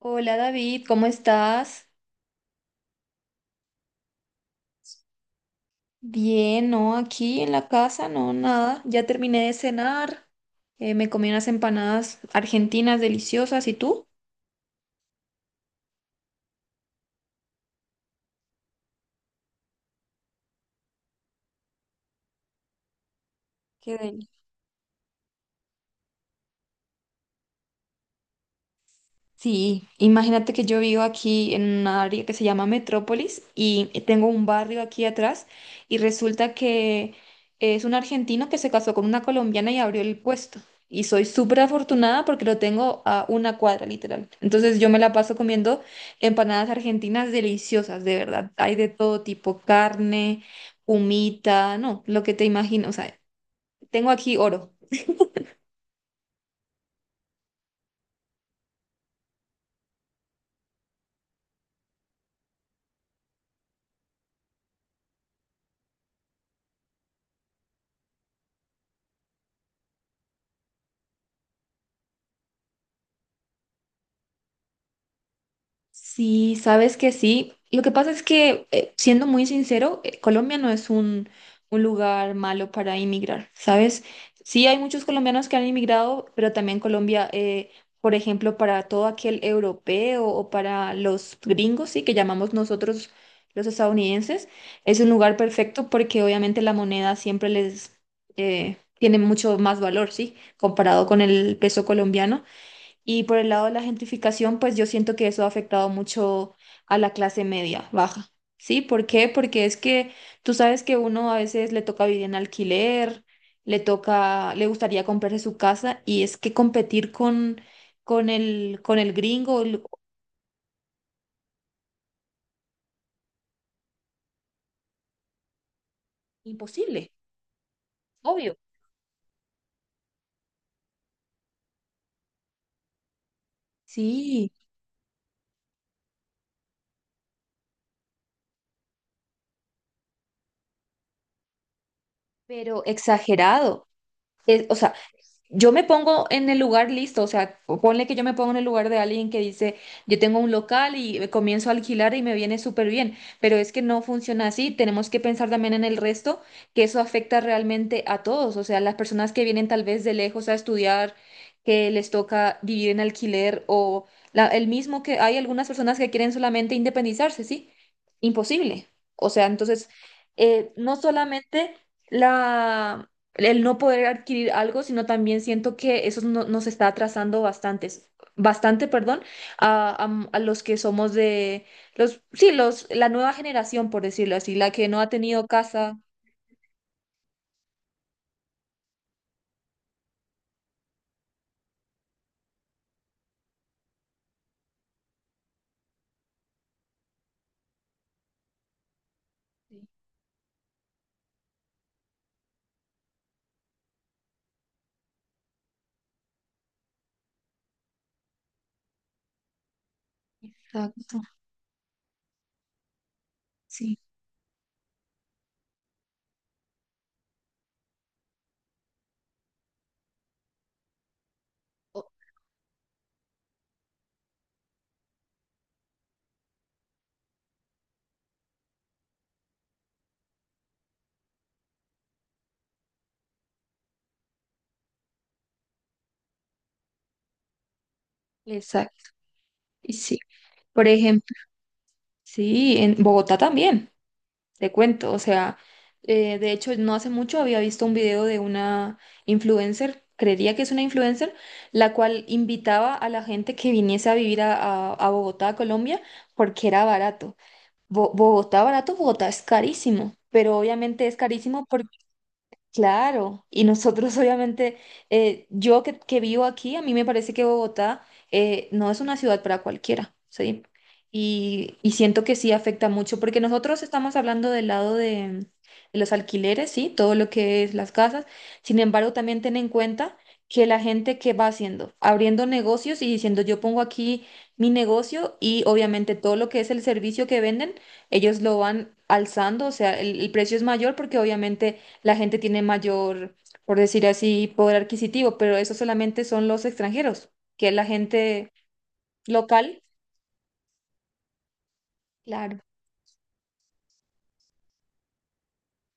Hola David, ¿cómo estás? Bien, no, aquí en la casa, no, nada. Ya terminé de cenar, me comí unas empanadas argentinas deliciosas, ¿y tú? Qué. Sí, imagínate que yo vivo aquí en una área que se llama Metrópolis y tengo un barrio aquí atrás y resulta que es un argentino que se casó con una colombiana y abrió el puesto. Y soy súper afortunada porque lo tengo a una cuadra, literal. Entonces yo me la paso comiendo empanadas argentinas deliciosas, de verdad. Hay de todo tipo, carne, humita, no, lo que te imagino. O sea, tengo aquí oro. Sí, sabes que sí. Lo que pasa es que, siendo muy sincero, Colombia no es un lugar malo para inmigrar, ¿sabes? Sí, hay muchos colombianos que han inmigrado, pero también Colombia, por ejemplo, para todo aquel europeo o para los gringos, sí, que llamamos nosotros los estadounidenses, es un lugar perfecto porque obviamente la moneda siempre les tiene mucho más valor, ¿sí? Comparado con el peso colombiano. Y por el lado de la gentrificación, pues yo siento que eso ha afectado mucho a la clase media, baja. ¿Sí? ¿Por qué? Porque es que tú sabes que uno a veces le toca vivir en alquiler, le toca, le gustaría comprarse su casa y es que competir con el gringo, el- imposible, obvio. Sí, pero exagerado. Es- o sea, yo me pongo en el lugar listo, o sea, ponle que yo me pongo en el lugar de alguien que dice, yo tengo un local y comienzo a alquilar y me viene súper bien, pero es que no funciona así, tenemos que pensar también en el resto, que eso afecta realmente a todos, o sea, las personas que vienen tal vez de lejos a estudiar, que les toca vivir en alquiler o la- el mismo que hay algunas personas que quieren solamente independizarse, ¿sí? Imposible. O sea, entonces, no solamente la el no poder adquirir algo, sino también siento que eso no- nos está atrasando bastantes, bastante, perdón, a los que somos de los, sí, los, la nueva generación, por decirlo así, la que no ha tenido casa. Exacto, sí. O- Exacto, y sí. Por ejemplo, sí, en Bogotá también. Te cuento, o sea, de hecho no hace mucho había visto un video de una influencer, creería que es una influencer, la cual invitaba a la gente que viniese a vivir a Bogotá, Colombia, porque era barato. Bo- Bogotá barato, Bogotá es carísimo, pero obviamente es carísimo. Claro, y nosotros obviamente, yo que vivo aquí, a mí me parece que Bogotá no es una ciudad para cualquiera, ¿sí? Y siento que sí afecta mucho, porque nosotros estamos hablando del lado de los alquileres, ¿sí? Todo lo que es las casas. Sin embargo, también ten en cuenta que la gente que va haciendo, abriendo negocios y diciendo, yo pongo aquí mi negocio y obviamente todo lo que es el servicio que venden, ellos lo van alzando, o sea, el precio es mayor porque obviamente la gente tiene mayor, por decir así, poder adquisitivo, pero eso solamente son los extranjeros, que es la gente local. Claro.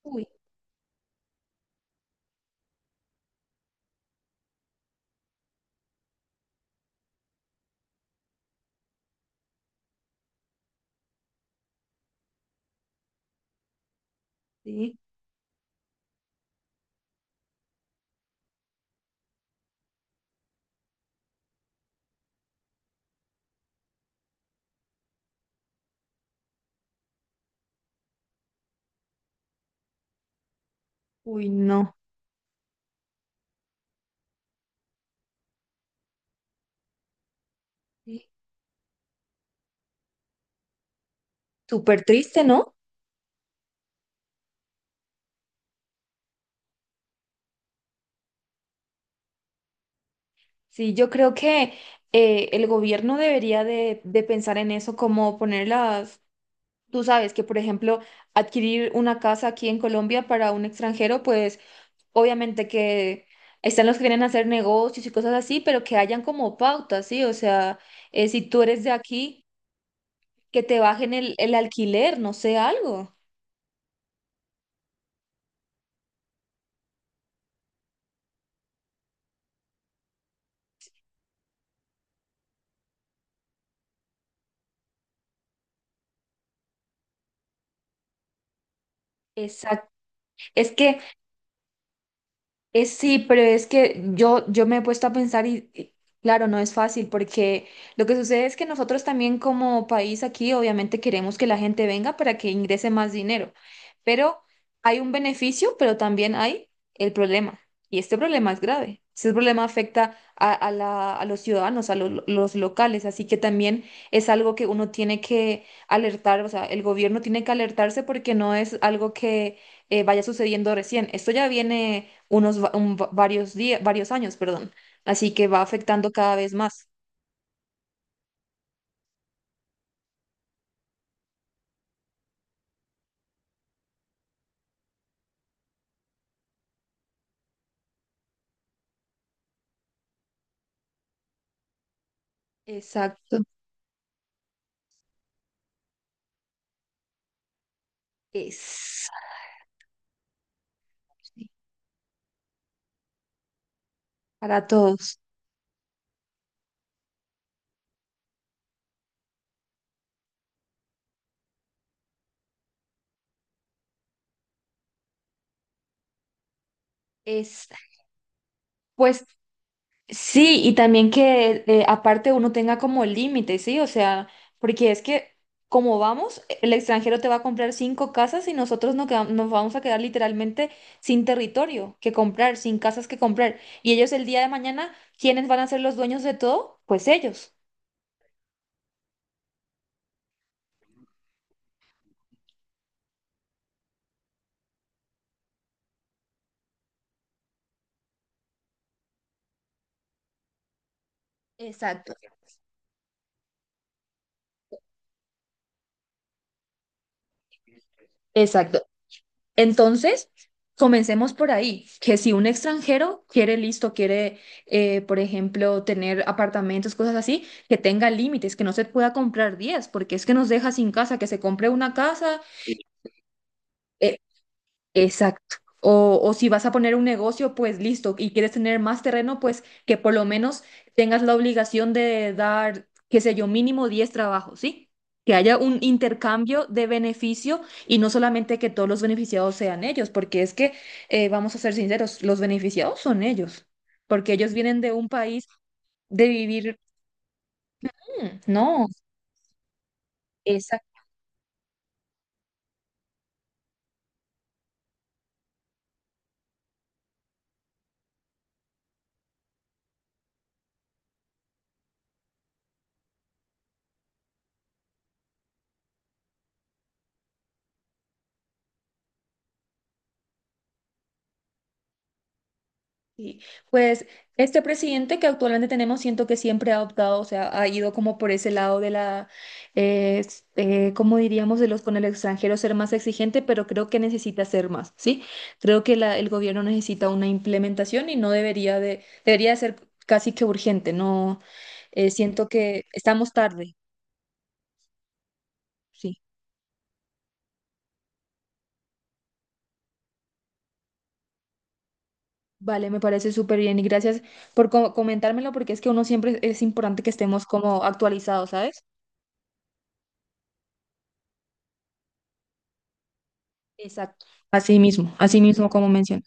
Uy, sí. Uy, no. Sí. Súper triste, ¿no? Sí, yo creo que el gobierno debería de pensar en eso, como poner las, tú sabes que, por ejemplo, adquirir una casa aquí en Colombia para un extranjero, pues obviamente que están los que vienen a hacer negocios y cosas así, pero que hayan como pautas, ¿sí? O sea, si tú eres de aquí, que te bajen el alquiler, no sé, algo. Exacto. Es que sí, pero es que yo me he puesto a pensar y claro, no es fácil porque lo que sucede es que nosotros también como país aquí obviamente queremos que la gente venga para que ingrese más dinero, pero hay un beneficio, pero también hay el problema y este problema es grave. Este problema afecta a la- a los ciudadanos, a lo- los locales, así que también es algo que uno tiene que alertar, o sea, el gobierno tiene que alertarse porque no es algo que vaya sucediendo recién. Esto ya viene unos va- un va- varios días, varios años, perdón. Así que va afectando cada vez más. Exacto. Es para todos. Es, pues sí, y también que aparte uno tenga como límite, ¿sí? O sea, porque es que como vamos, el extranjero te va a comprar 5 casas y nosotros no queda- nos vamos a quedar literalmente sin territorio que comprar, sin casas que comprar. Y ellos el día de mañana, ¿quiénes van a ser los dueños de todo? Pues ellos. Exacto, exacto. Entonces, comencemos por ahí, que si un extranjero quiere listo, quiere, por ejemplo, tener apartamentos, cosas así, que tenga límites, que no se pueda comprar 10 porque es que nos deja sin casa, que se compre una casa. Sí, eh, exacto. O si vas a poner un negocio, pues listo, y quieres tener más terreno, pues que por lo menos tengas la obligación de dar, qué sé yo, mínimo 10 trabajos, ¿sí? Que haya un intercambio de beneficio y no solamente que todos los beneficiados sean ellos, porque es que, vamos a ser sinceros, los beneficiados son ellos, porque ellos vienen de un país de vivir, mm, no. Sí, pues este presidente que actualmente tenemos siento que siempre ha optado, o sea, ha ido como por ese lado de la, ¿cómo diríamos, de los con el extranjero ser más exigente, pero creo que necesita ser más, ¿sí? Creo que la- el gobierno necesita una implementación y no debería de, debería de ser casi que urgente, no, siento que estamos tarde, sí. Vale, me parece súper bien y gracias por co- comentármelo porque es que uno siempre es importante que estemos como actualizados, ¿sabes? Exacto. Así mismo como menciono.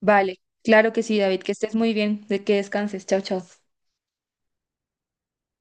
Vale, claro que sí, David, que estés muy bien, de que descanses. Chao, chao.